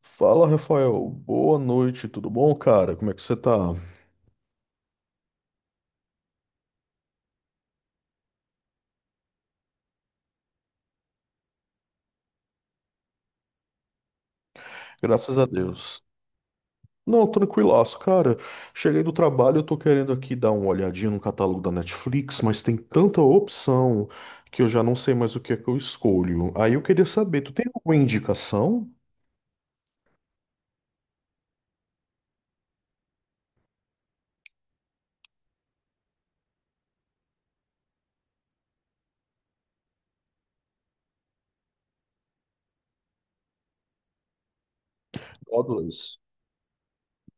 Fala, Rafael. Boa noite, tudo bom, cara? Como é que você tá? Graças a Deus. Não, tranquilaço, cara. Cheguei do trabalho, eu tô querendo aqui dar uma olhadinha no catálogo da Netflix, mas tem tanta opção que eu já não sei mais o que é que eu escolho. Aí eu queria saber, tu tem alguma indicação? Godless.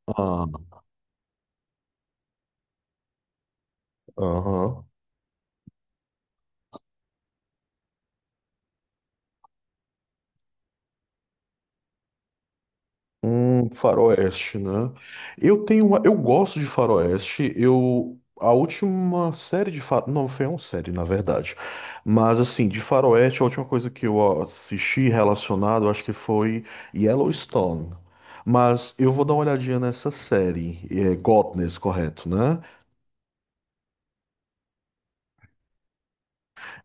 Ah, aham. Faroeste, né? Eu tenho uma, eu gosto de faroeste. Eu a última série de fa... Não foi uma série, na verdade. Mas assim, de faroeste, a última coisa que eu assisti relacionado, eu acho que foi Yellowstone. Mas eu vou dar uma olhadinha nessa série, é Godness, correto, né?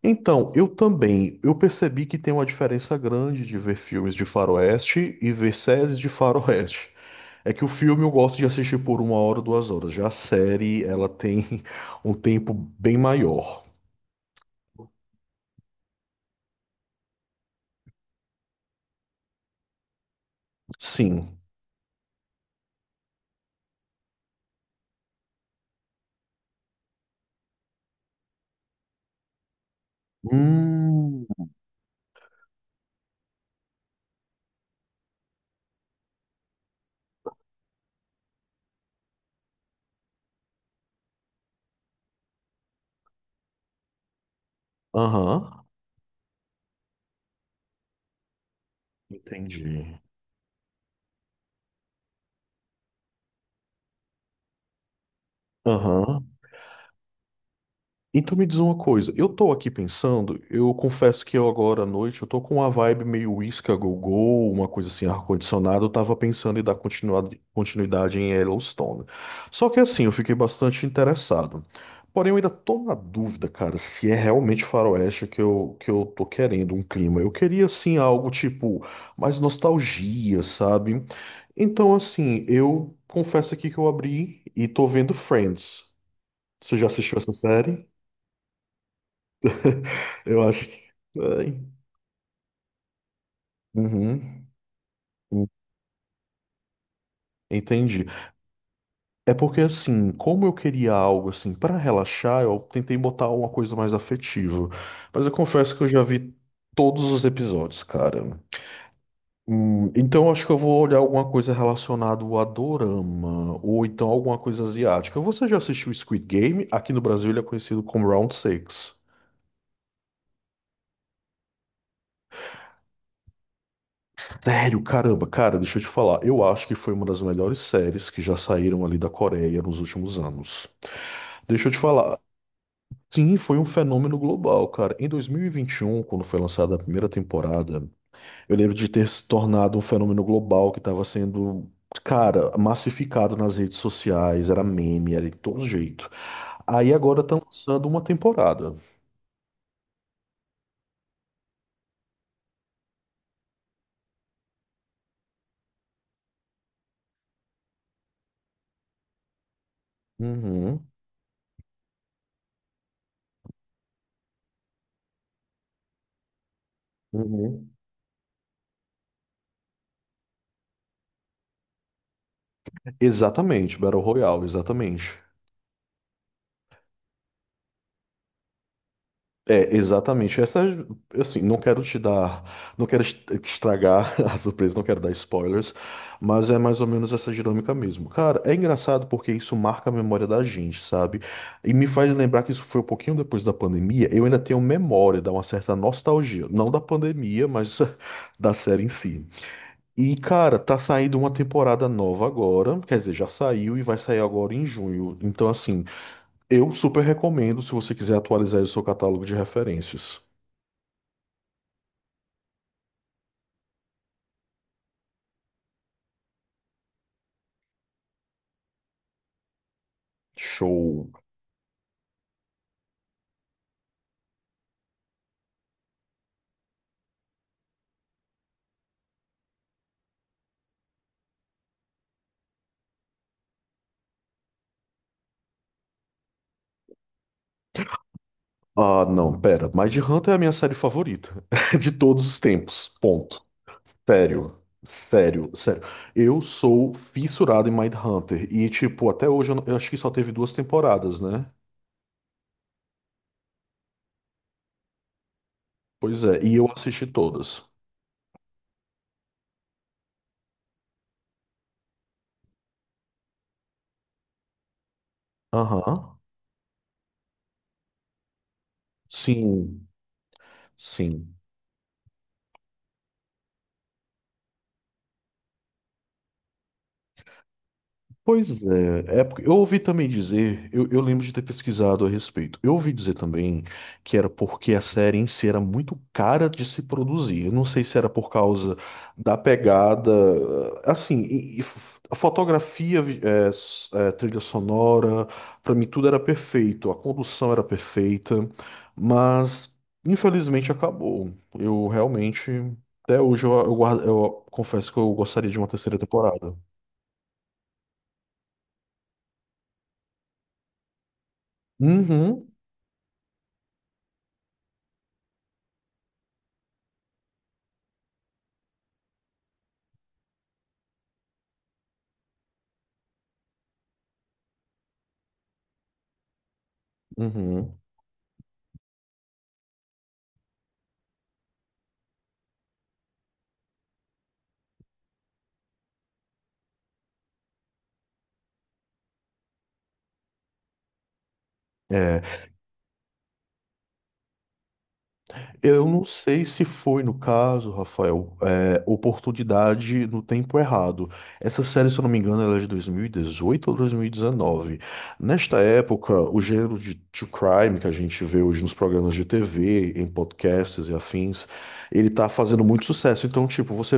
Então, eu também, eu percebi que tem uma diferença grande de ver filmes de faroeste e ver séries de faroeste. É que o filme eu gosto de assistir por uma hora, duas horas. Já a série, ela tem um tempo bem maior. Sim. Hum. Aham. Entendi. Aham. Então me diz uma coisa, eu tô aqui pensando, eu confesso que eu agora à noite, eu tô com uma vibe meio uísca go-go, uma coisa assim, ar-condicionado, eu tava pensando em dar continuidade, em Yellowstone. Só que assim, eu fiquei bastante interessado. Porém, eu ainda tô na dúvida, cara, se é realmente faroeste que eu tô querendo, um clima. Eu queria, assim, algo tipo mais nostalgia, sabe? Então, assim, eu confesso aqui que eu abri e tô vendo Friends. Você já assistiu essa série? Eu acho que. Ai. Uhum. Entendi. É porque assim, como eu queria algo assim para relaxar, eu tentei botar uma coisa mais afetiva. Mas eu confesso que eu já vi todos os episódios, cara. Então acho que eu vou olhar alguma coisa relacionada ao Adorama ou então alguma coisa asiática. Você já assistiu Squid Game? Aqui no Brasil ele é conhecido como Round Six. Sério, caramba, cara, deixa eu te falar. Eu acho que foi uma das melhores séries que já saíram ali da Coreia nos últimos anos. Deixa eu te falar. Sim, foi um fenômeno global, cara. Em 2021, quando foi lançada a primeira temporada, eu lembro de ter se tornado um fenômeno global que estava sendo, cara, massificado nas redes sociais, era meme, era de todo jeito. Aí agora estão lançando uma temporada. Uhum, uhum. Exatamente, Battle Royale, exatamente. É, exatamente. Essa, assim, não quero te dar, não quero est- te estragar a surpresa, não quero dar spoilers, mas é mais ou menos essa dinâmica mesmo. Cara, é engraçado porque isso marca a memória da gente, sabe? E me faz lembrar que isso foi um pouquinho depois da pandemia. Eu ainda tenho memória, dá uma certa nostalgia, não da pandemia, mas da série em si. E, cara, tá saindo uma temporada nova agora, quer dizer, já saiu e vai sair agora em junho. Então, assim, eu super recomendo se você quiser atualizar o seu catálogo de referências. Show. Ah, não, pera. Mind Hunter é a minha série favorita de todos os tempos. Ponto. Sério. Sério, sério. Eu sou fissurado em Mind Hunter. E, tipo, até hoje eu, não- eu acho que só teve duas temporadas, né? Pois é, e eu assisti todas. Aham. Sim, sim. Pois é, é porque eu ouvi também dizer, eu lembro de ter pesquisado a respeito. Eu ouvi dizer também que era porque a série em si era muito cara de se produzir. Eu não sei se era por causa da pegada, assim, a fotografia, trilha sonora, pra mim tudo era perfeito, a condução era perfeita, mas infelizmente acabou. Eu realmente, até hoje eu confesso que eu gostaria de uma terceira temporada. Uhum. Uhum. É, eu não sei se foi no caso, Rafael, é, oportunidade no tempo errado. Essa série, se eu não me engano, ela é de 2018 ou 2019. Nesta época, o gênero de true crime que a gente vê hoje nos programas de TV, em podcasts e afins, ele tá fazendo muito sucesso. Então, tipo, você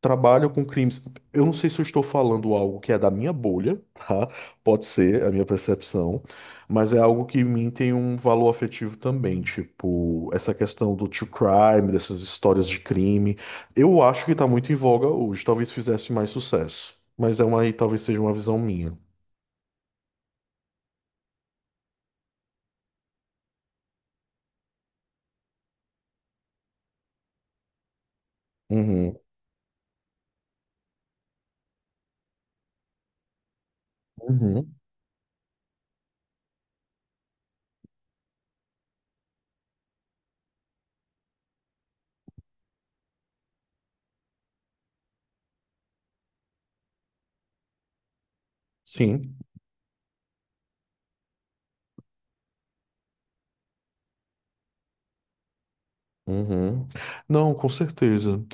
trabalha com crimes. Eu não sei se eu estou falando algo que é da minha bolha, tá? Pode ser a minha percepção. Mas é algo que em mim tem um valor afetivo também, tipo, essa questão do true crime, dessas histórias de crime. Eu acho que tá muito em voga hoje, talvez fizesse mais sucesso. Mas é uma, aí talvez seja uma visão minha. Uhum, uhum, sim. Uhum. Não, com certeza.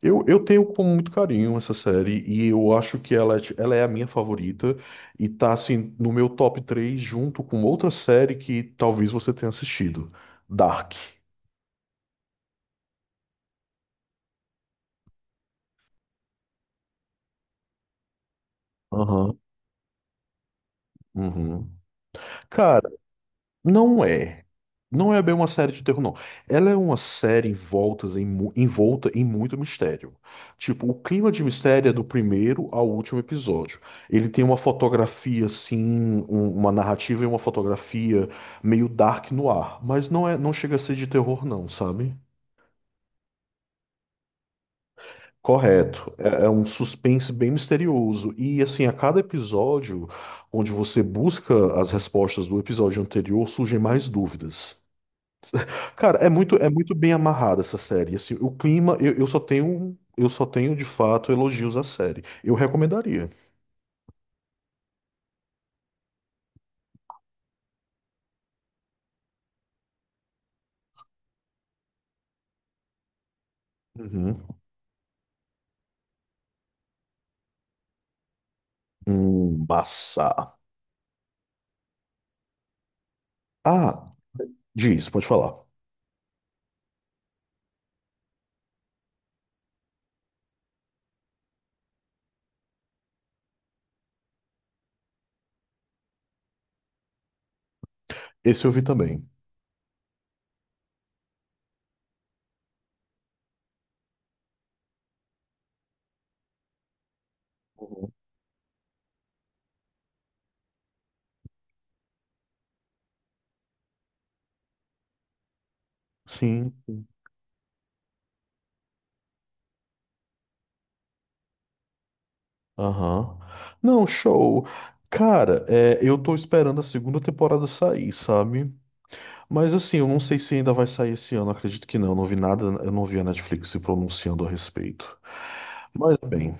Eu tenho com muito carinho essa série e eu acho que ela, ela é a minha favorita e tá assim no meu top 3 junto com outra série que talvez você tenha assistido, Dark. Uhum. Cara, não é. Não é bem uma série de terror, não. Ela é uma série envolta em, envolta em muito mistério. Tipo, o clima de mistério é do primeiro ao último episódio. Ele tem uma fotografia, assim, uma narrativa e uma fotografia meio dark no ar. Mas não é, não chega a ser de terror, não, sabe? Correto. É, é um suspense bem misterioso. E, assim, a cada episódio, onde você busca as respostas do episódio anterior, surgem mais dúvidas. Cara, é muito bem amarrada essa série. Assim, o clima, eu só tenho de fato elogios à série. Eu recomendaria. Uhum. Massa. Ah, diz, pode falar. Esse eu vi também. Uhum. Sim. Aham. Não, show. Cara, é, eu tô esperando a segunda temporada sair, sabe? Mas assim, eu não sei se ainda vai sair esse ano, acredito que não. Eu não vi nada, eu não vi a Netflix se pronunciando a respeito. Mas bem.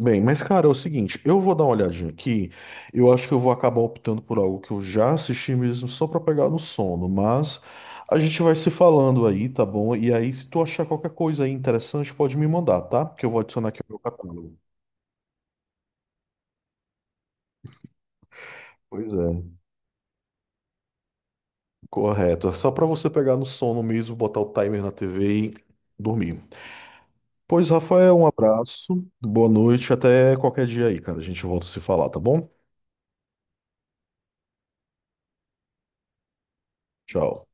Bem, mas cara, é o seguinte, eu vou dar uma olhadinha aqui. Eu acho que eu vou acabar optando por algo que eu já assisti mesmo só pra pegar no sono, mas a gente vai se falando aí, tá bom? E aí, se tu achar qualquer coisa aí interessante, pode me mandar, tá? Porque eu vou adicionar aqui no meu catálogo. Pois é, correto. É só pra você pegar no sono mesmo, botar o timer na TV e dormir. Pois, Rafael, um abraço, boa noite, até qualquer dia aí, cara. A gente volta a se falar, tá bom? Tchau.